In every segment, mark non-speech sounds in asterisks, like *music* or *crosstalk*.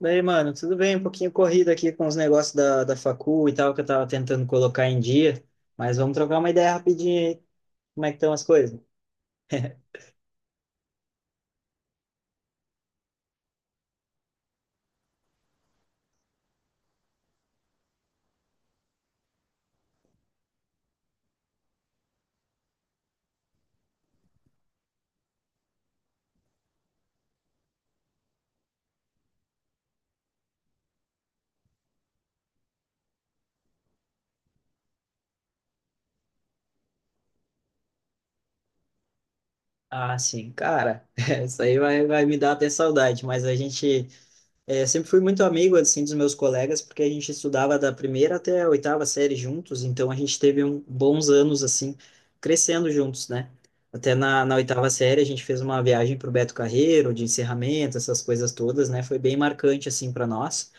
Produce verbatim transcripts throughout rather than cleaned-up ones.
Daí, mano, tudo bem, um pouquinho corrido aqui com os negócios da, da facu e tal, que eu tava tentando colocar em dia, mas vamos trocar uma ideia rapidinho aí, como é que estão as coisas? Ah, sim, cara, *laughs* isso aí vai, vai me dar até saudade, mas a gente, é, sempre fui muito amigo, assim, dos meus colegas, porque a gente estudava da primeira até a oitava série juntos, então a gente teve um, bons anos, assim, crescendo juntos, né? Até na, na oitava série a gente fez uma viagem pro Beto Carreiro, de encerramento, essas coisas todas, né? Foi bem marcante, assim, para nós.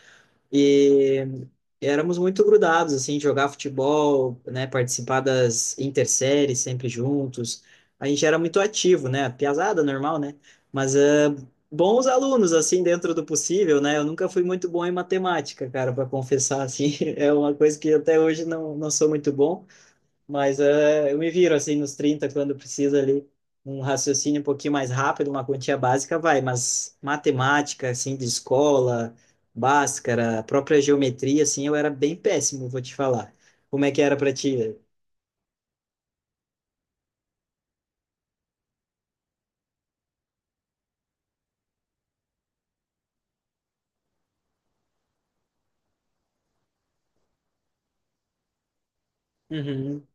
E éramos muito grudados, assim, jogar futebol, né, participar das interséries sempre juntos. A gente era muito ativo, né, piazada normal, né, mas ah, bons alunos, assim, dentro do possível, né, eu nunca fui muito bom em matemática, cara, para confessar, assim, *laughs* é uma coisa que até hoje não, não sou muito bom, mas eh, eu me viro assim nos trinta quando precisa ali um raciocínio um pouquinho mais rápido, uma quantia básica vai, mas matemática, assim, de escola, Bhaskara, a própria geometria, assim, eu era bem péssimo, vou te falar. Como é que era para ti? Uhum,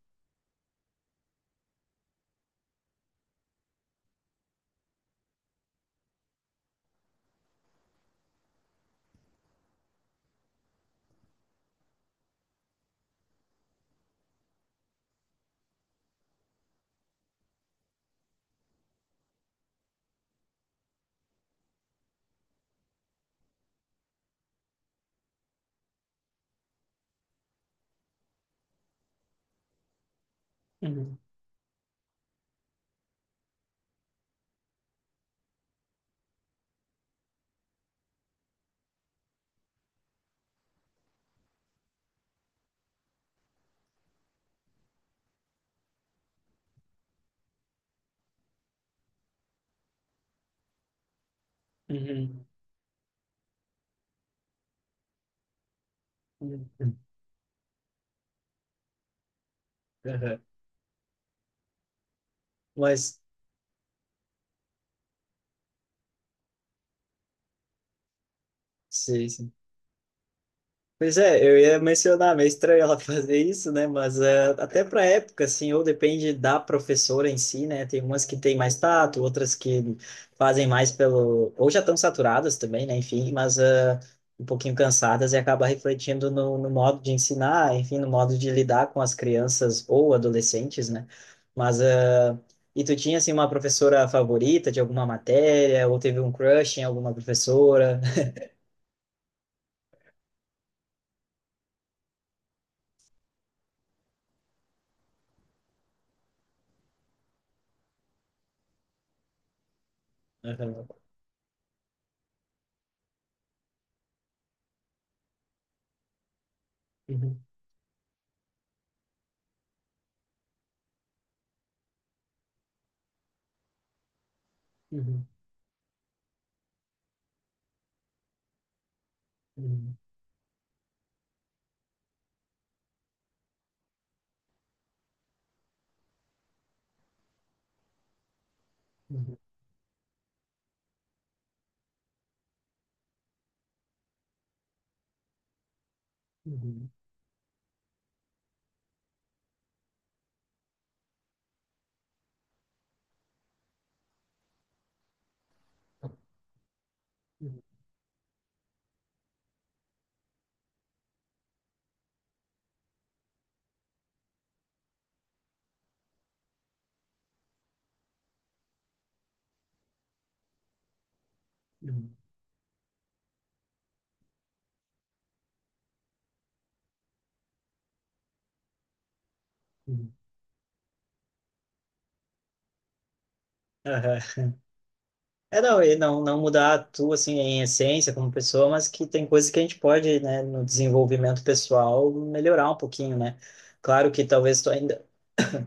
uhum, uhum, uhum, uhum. Aham. Mas, sim, sim. Pois é, eu ia mencionar, meio estranho ela *laughs* fazer isso, né? Mas eh, até para época, assim, ou depende da professora em si, né? Tem umas que têm mais tato, outras que fazem mais pelo. Ou já estão saturadas também, né? Enfim, mas eh, um pouquinho cansadas e acaba refletindo no, no modo de ensinar, enfim, no modo de lidar com as crianças ou adolescentes, né? Mas. eh, E tu tinha, assim, uma professora favorita de alguma matéria, ou teve um crush em alguma professora? *laughs* Aham. Uhum, uhum, uhum, uhum. Uhum, uhum, uhum, uhum. Aham. É, não, e não, não mudar tu, assim, em essência como pessoa, mas que tem coisas que a gente pode, né, no desenvolvimento pessoal, melhorar um pouquinho, né? Claro que talvez tu ainda,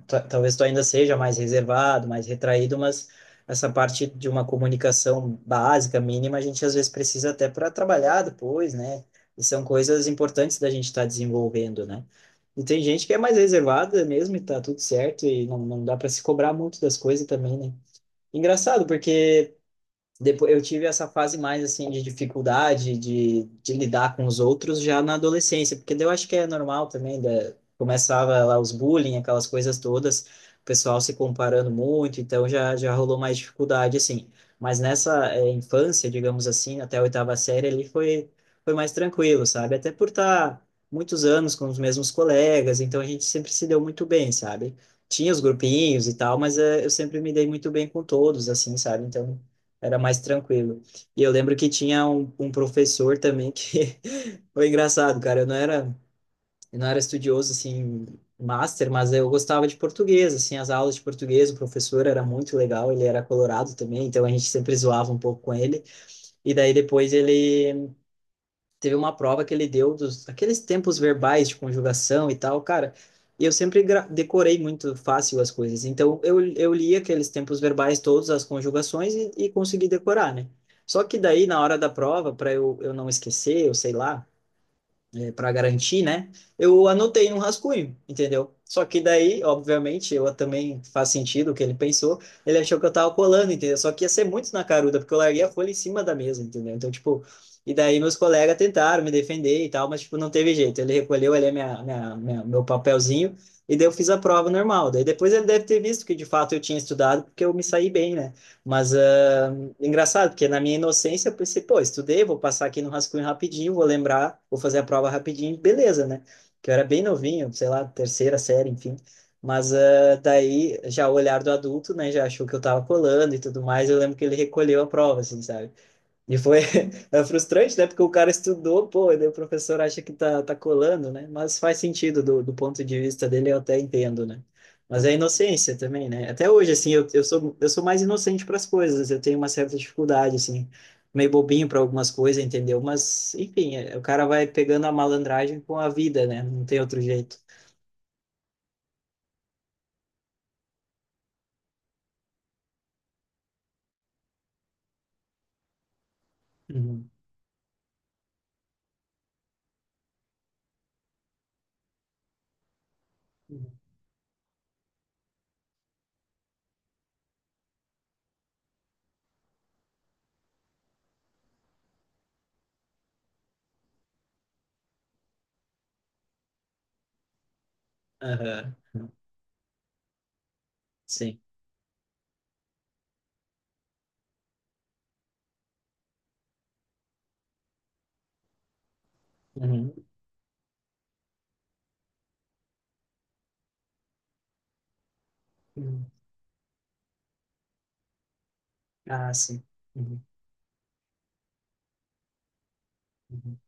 ta- talvez tu ainda seja mais reservado, mais retraído, mas essa parte de uma comunicação básica, mínima, a gente às vezes precisa até para trabalhar depois, né? E são coisas importantes da gente estar desenvolvendo, né? E tem gente que é mais reservada mesmo e tá tudo certo e não, não dá para se cobrar muito das coisas também, né? Engraçado, porque depois eu tive essa fase mais assim de dificuldade de, de lidar com os outros já na adolescência, porque daí eu acho que é normal também, da- começava lá os bullying, aquelas coisas todas, o pessoal se comparando muito, então já já rolou mais dificuldade assim. Mas nessa eh, infância, digamos assim, até a oitava série ali foi foi mais tranquilo, sabe? Até por estar muitos anos com os mesmos colegas, então a gente sempre se deu muito bem, sabe? Tinha os grupinhos e tal, mas eh, eu sempre me dei muito bem com todos, assim, sabe? Então era mais tranquilo. E eu lembro que tinha um, um professor também que *laughs* foi engraçado, cara. Eu não era, eu não era estudioso assim, master, mas eu gostava de português, assim, as aulas de português, o professor era muito legal, ele era colorado também, então a gente sempre zoava um pouco com ele. E daí depois ele teve uma prova que ele deu dos aqueles tempos verbais de conjugação e tal, cara. E eu sempre gra- decorei muito fácil as coisas. Então eu, eu li aqueles tempos verbais todos, as conjugações e, e consegui decorar, né? Só que daí na hora da prova, para eu, eu não esquecer, eu sei lá, é, para garantir, né? Eu anotei num rascunho, entendeu? Só que daí, obviamente, eu também faz sentido o que ele pensou. Ele achou que eu tava colando, entendeu? Só que ia ser muito na caruda, porque eu larguei a folha em cima da mesa, entendeu? Então, tipo, e daí meus colegas tentaram me defender e tal, mas, tipo, não teve jeito. Ele recolheu ali a minha, minha, minha- meu papelzinho e daí eu fiz a prova normal. Daí depois ele deve ter visto que de fato eu tinha estudado, porque eu me saí bem, né? Mas, ah, engraçado, porque na minha inocência eu pensei, pô, estudei, vou passar aqui no rascunho rapidinho, vou lembrar, vou fazer a prova rapidinho, beleza, né? Que eu era bem novinho, sei lá, terceira série, enfim. Mas ah, daí, já o olhar do adulto, né, já achou que eu tava colando e tudo mais, eu lembro que ele recolheu a prova, assim, sabe? E foi *laughs* é frustrante, né? Porque o cara estudou, pô, e daí o professor acha que tá, tá colando, né? Mas faz sentido do, do ponto de vista dele, eu até entendo, né? Mas é inocência também, né? Até hoje, assim, eu, eu sou, eu sou mais inocente para as coisas, eu tenho uma certa dificuldade, assim, meio bobinho para algumas coisas, entendeu? Mas, enfim, é- o cara vai pegando a malandragem com a vida, né? Não tem outro jeito. Uhum. Aham. Sim. Uhum. Uhum. Ah, sim. Uhum. Uhum.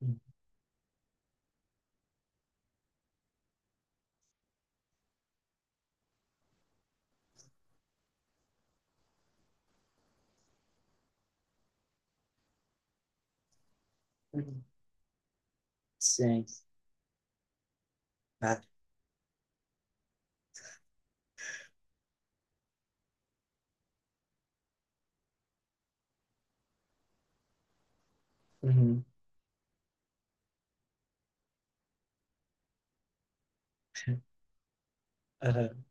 Uhum. Uhum. Sim. Ah, Uhum. Aham.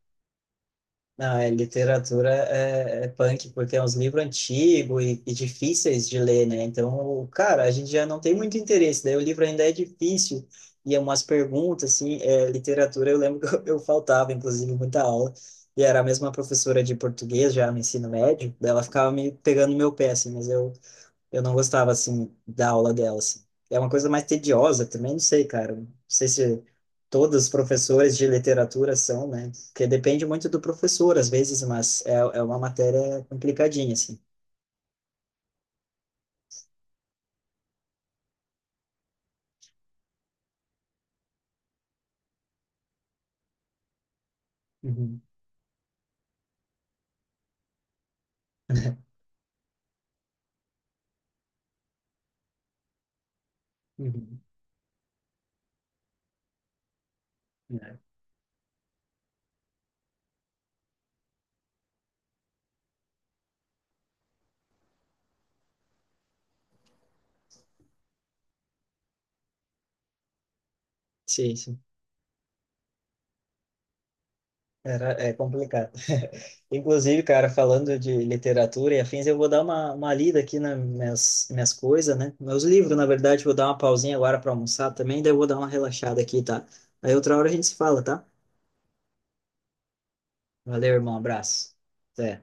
Não, é, literatura é, é punk, porque é uns livros antigos e, e difíceis de ler, né? Então, cara, a gente já não tem muito interesse, daí o livro ainda é difícil, e é umas perguntas, assim, é, literatura, eu lembro *laughs* que eu, eu faltava, inclusive, muita aula, e era a mesma professora de português já no ensino médio, daí ela ficava me pegando no meu pé, assim, mas eu Eu não gostava, assim, da aula dela, assim. É uma coisa mais tediosa também, não sei, cara. Não sei se todos os professores de literatura são, né? Porque depende muito do professor, às vezes, mas é, é uma matéria complicadinha, assim. Uhum. *laughs* Uhum. É. Sim, sim. Era, é complicado. Inclusive, cara, falando de literatura e afins, eu vou dar uma, uma lida aqui nas minhas, minhas coisas, né? Meus livros, na verdade, vou dar uma pausinha agora para almoçar também, daí eu vou dar uma relaxada aqui, tá? Aí outra hora a gente se fala, tá? Valeu, irmão. Abraço. Até.